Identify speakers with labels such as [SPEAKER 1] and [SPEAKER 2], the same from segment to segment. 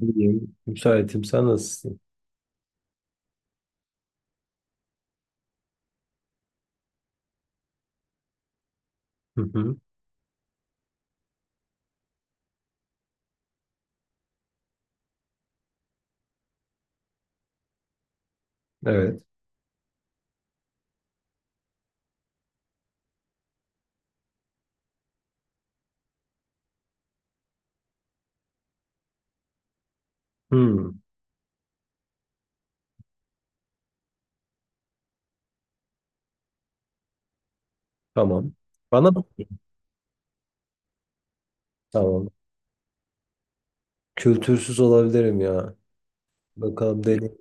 [SPEAKER 1] İyiyim. Müsaitim. Sen nasılsın? Hı hı. Evet. Hı. Tamam. Bana mı? Tamam. Kültürsüz olabilirim ya. Bakalım deli.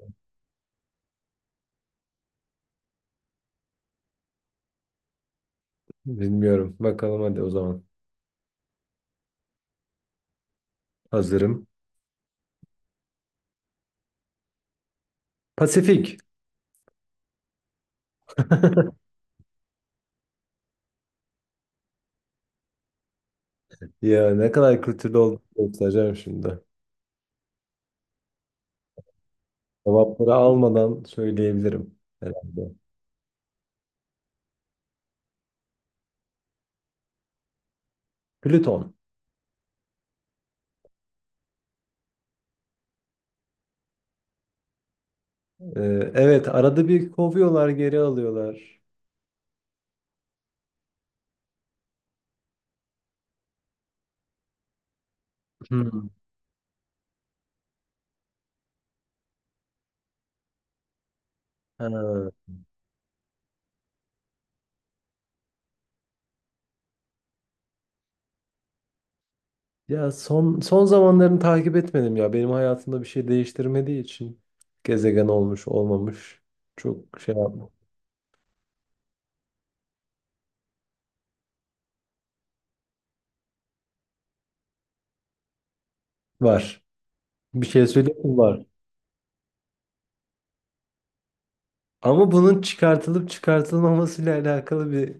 [SPEAKER 1] Bilmiyorum. Bakalım hadi o zaman. Hazırım. Pasifik. Ya ne kadar kültürlü olduğunu göstereceğim şimdi. Cevapları almadan söyleyebilirim herhalde. Plüton. Ee, evet, arada bir kovuyorlar, geri alıyorlar. Hmm. Ha. Ya son son zamanlarını takip etmedim ya. Benim hayatımda bir şey değiştirmediği için gezegen olmuş olmamış çok şey yapma. Var. Bir şey söyleyeyim mi? Var. Ama bunun çıkartılıp çıkartılmamasıyla alakalı bir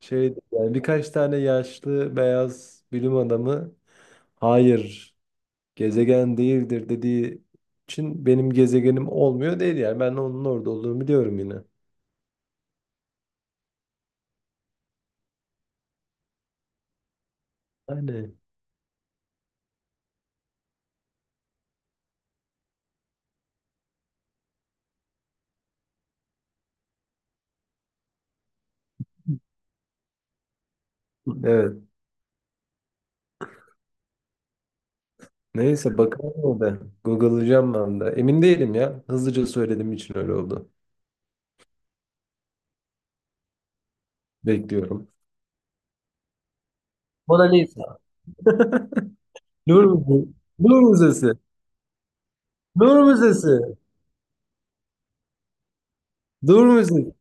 [SPEAKER 1] şey. Yani birkaç tane yaşlı beyaz bilim adamı hayır gezegen değildir dediği için benim gezegenim olmuyor değil yani. Ben onun orada olduğunu biliyorum yine. Yani. Evet. Neyse bakalım o da. Google'layacağım ben de. Emin değilim ya. Hızlıca söylediğim için öyle oldu. Bekliyorum. Mona Lisa. Louvre Müzesi. Louvre Müzesi. Louvre Müzesi. Louvre Müzesi.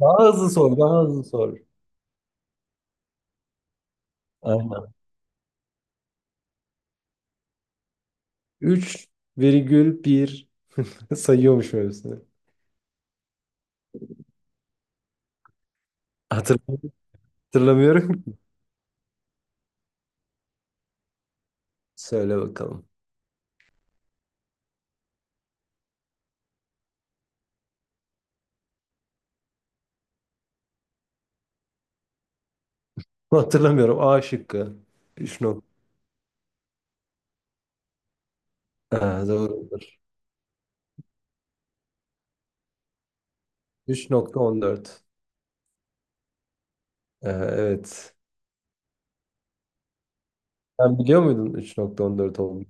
[SPEAKER 1] Daha hızlı sor. Daha hızlı sor. Aynen. 3,1 sayıyormuş öylesine. Hatırlamıyorum. Hatırlamıyorum ki. Söyle bakalım. Hatırlamıyorum. A şıkkı. 3 nokta. Ha, doğrudur. 3,14. Evet. Sen biliyor muydun 3,14 olduğunu?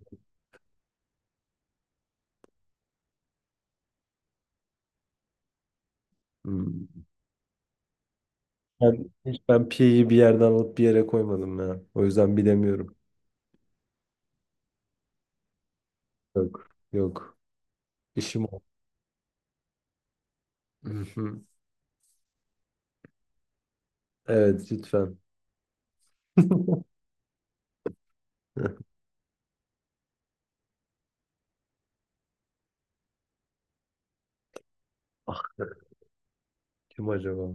[SPEAKER 1] Hmm. Ben, hiç ben pi'yi bir yerden alıp bir yere koymadım ya. O yüzden bilemiyorum. Yok. Yok. İşim o. Hı hı. Evet lütfen. Ah, kim acaba?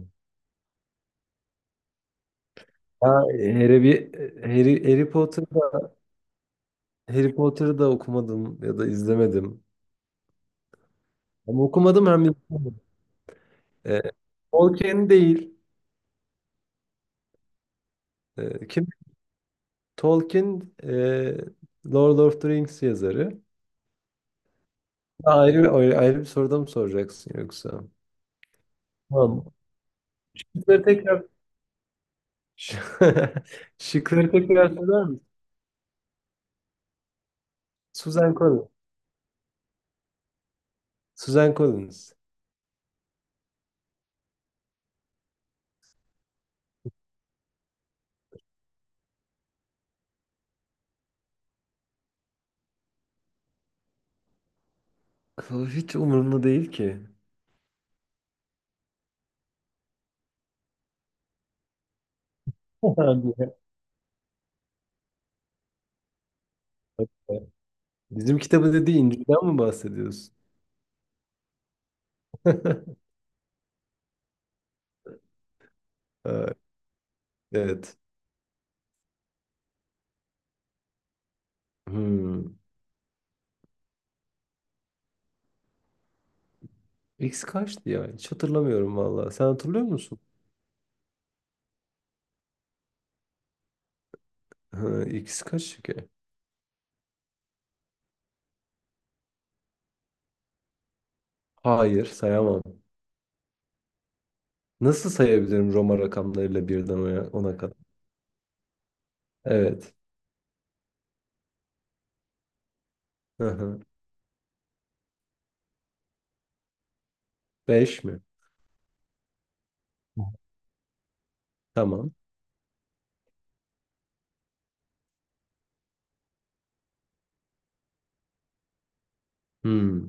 [SPEAKER 1] Ha, Harry, Harry Potter'ı da, Harry Potter'ı da okumadım ya da izlemedim. Hem okumadım hem izlemedim. Ee, Tolkien değil. Kim? Tolkien, Lord of the Rings yazarı. Ha, ayrı ayrı bir soruda mı soracaksın yoksa? Tamam. Bunları tekrar Ş- Şıkları tekrar söyler misin? Suzan Collins. Suzan Collins. O hiç umurumda değil ki. Hadi ya. Bizim kitabı dediği İncil'den mi bahsediyorsun? Ha, evet. Hmm. X kaçtı ya? Hiç hatırlamıyorum valla. Sen hatırlıyor musun? Ha, X kaç ki? Hayır, sayamam. Nasıl sayabilirim Roma rakamlarıyla birden ona kadar? Evet. Hı hı. Beş mi? Tamam. Hmm.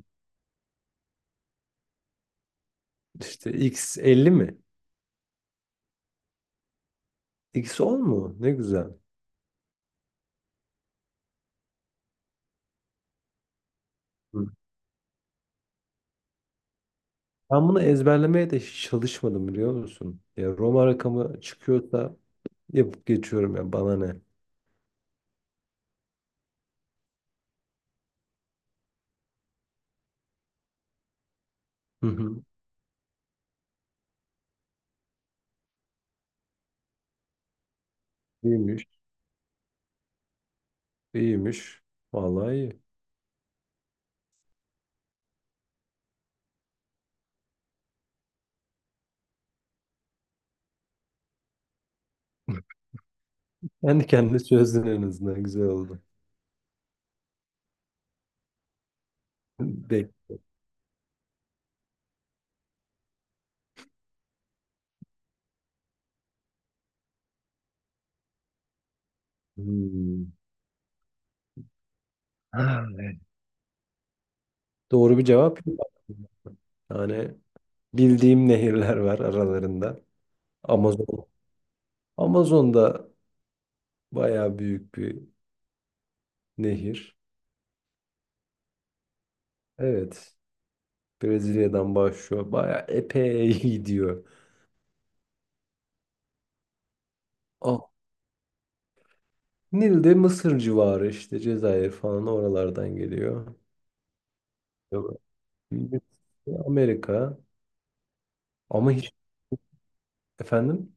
[SPEAKER 1] İşte X 50 mi? X 10 mu? Ne güzel. Hı. Ben bunu ezberlemeye de hiç çalışmadım biliyor musun? Ya Roma rakamı çıkıyorsa yapıp geçiyorum ya bana ne? Hı hı. İyiymiş, iyiymiş. Vallahi iyi. Kendi kendine çözdün en azından güzel oldu. Bek. Hmm. Ha, evet. Doğru bir cevap yok. Yani bildiğim nehirler var aralarında. Amazon. Amazon da bayağı büyük bir nehir. Evet. Brezilya'dan başlıyor. Bayağı epey gidiyor. Ah, Nil de Mısır civarı işte Cezayir falan oralardan geliyor. Yok. Amerika ama hiç efendim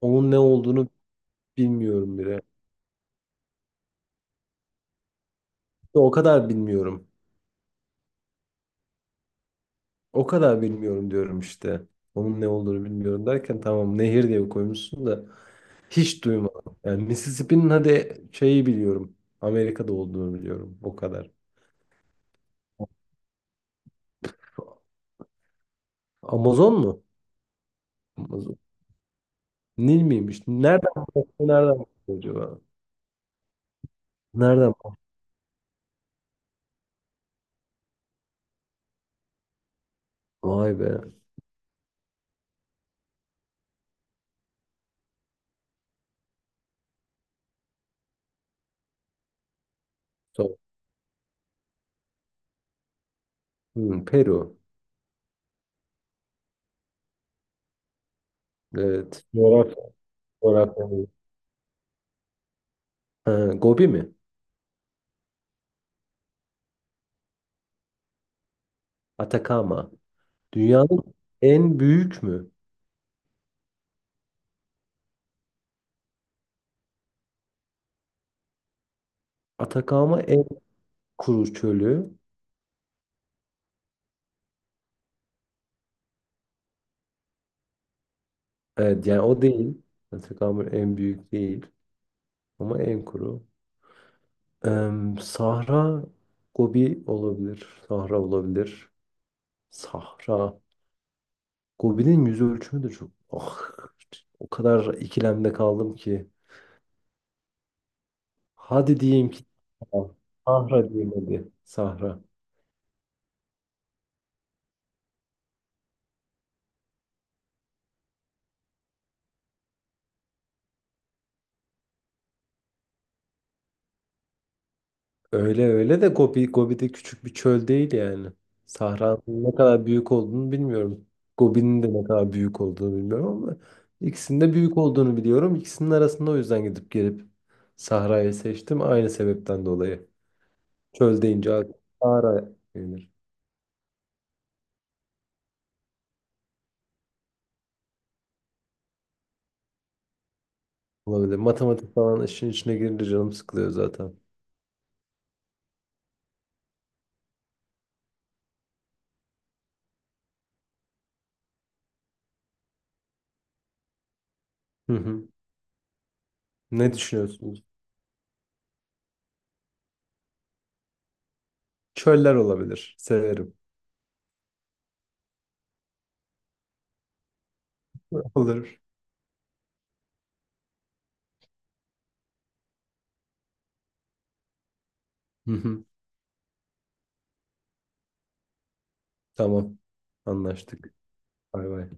[SPEAKER 1] onun ne olduğunu bilmiyorum bile. İşte o kadar bilmiyorum. O kadar bilmiyorum diyorum işte. Onun ne olduğunu bilmiyorum derken tamam nehir diye koymuşsun da hiç duymadım. Yani Mississippi'nin hadi şeyi biliyorum. Amerika'da olduğunu biliyorum. O kadar. Amazon mu? Amazon. Nil miymiş? Nereden baktı? Nereden baktı acaba? Nereden baktı? Vay be. So- Peru. Evet. Coğrafya. Coğrafya değil. Ha, Gobi mi? Atakama. Dünyanın en büyük mü? Atakama en kuru çölü. Evet yani o değil. Atakama en büyük değil. Ama en kuru. Sahra Gobi olabilir. Sahra olabilir. Sahra. Gobi'nin yüz ölçümü de çok. Ah, o kadar ikilemde kaldım ki. Hadi diyeyim ki. Sahra diyeyim hadi. Sahra. Öyle öyle de Gobi, Gobi de küçük bir çöl değil yani. Sahra'nın ne kadar büyük olduğunu bilmiyorum. Gobi'nin de ne kadar büyük olduğunu bilmiyorum ama ikisinin de büyük olduğunu biliyorum. İkisinin arasında o yüzden gidip gelip Sahra'yı seçtim. Aynı sebepten dolayı. Çöl deyince aklıma Sahra gelir. Olabilir. Matematik falan işin içine girince canım sıkılıyor zaten. Hı hı. Ne düşünüyorsunuz? Çöller olabilir. Severim. Olur. Hı hı. Tamam. Anlaştık. Bay bay.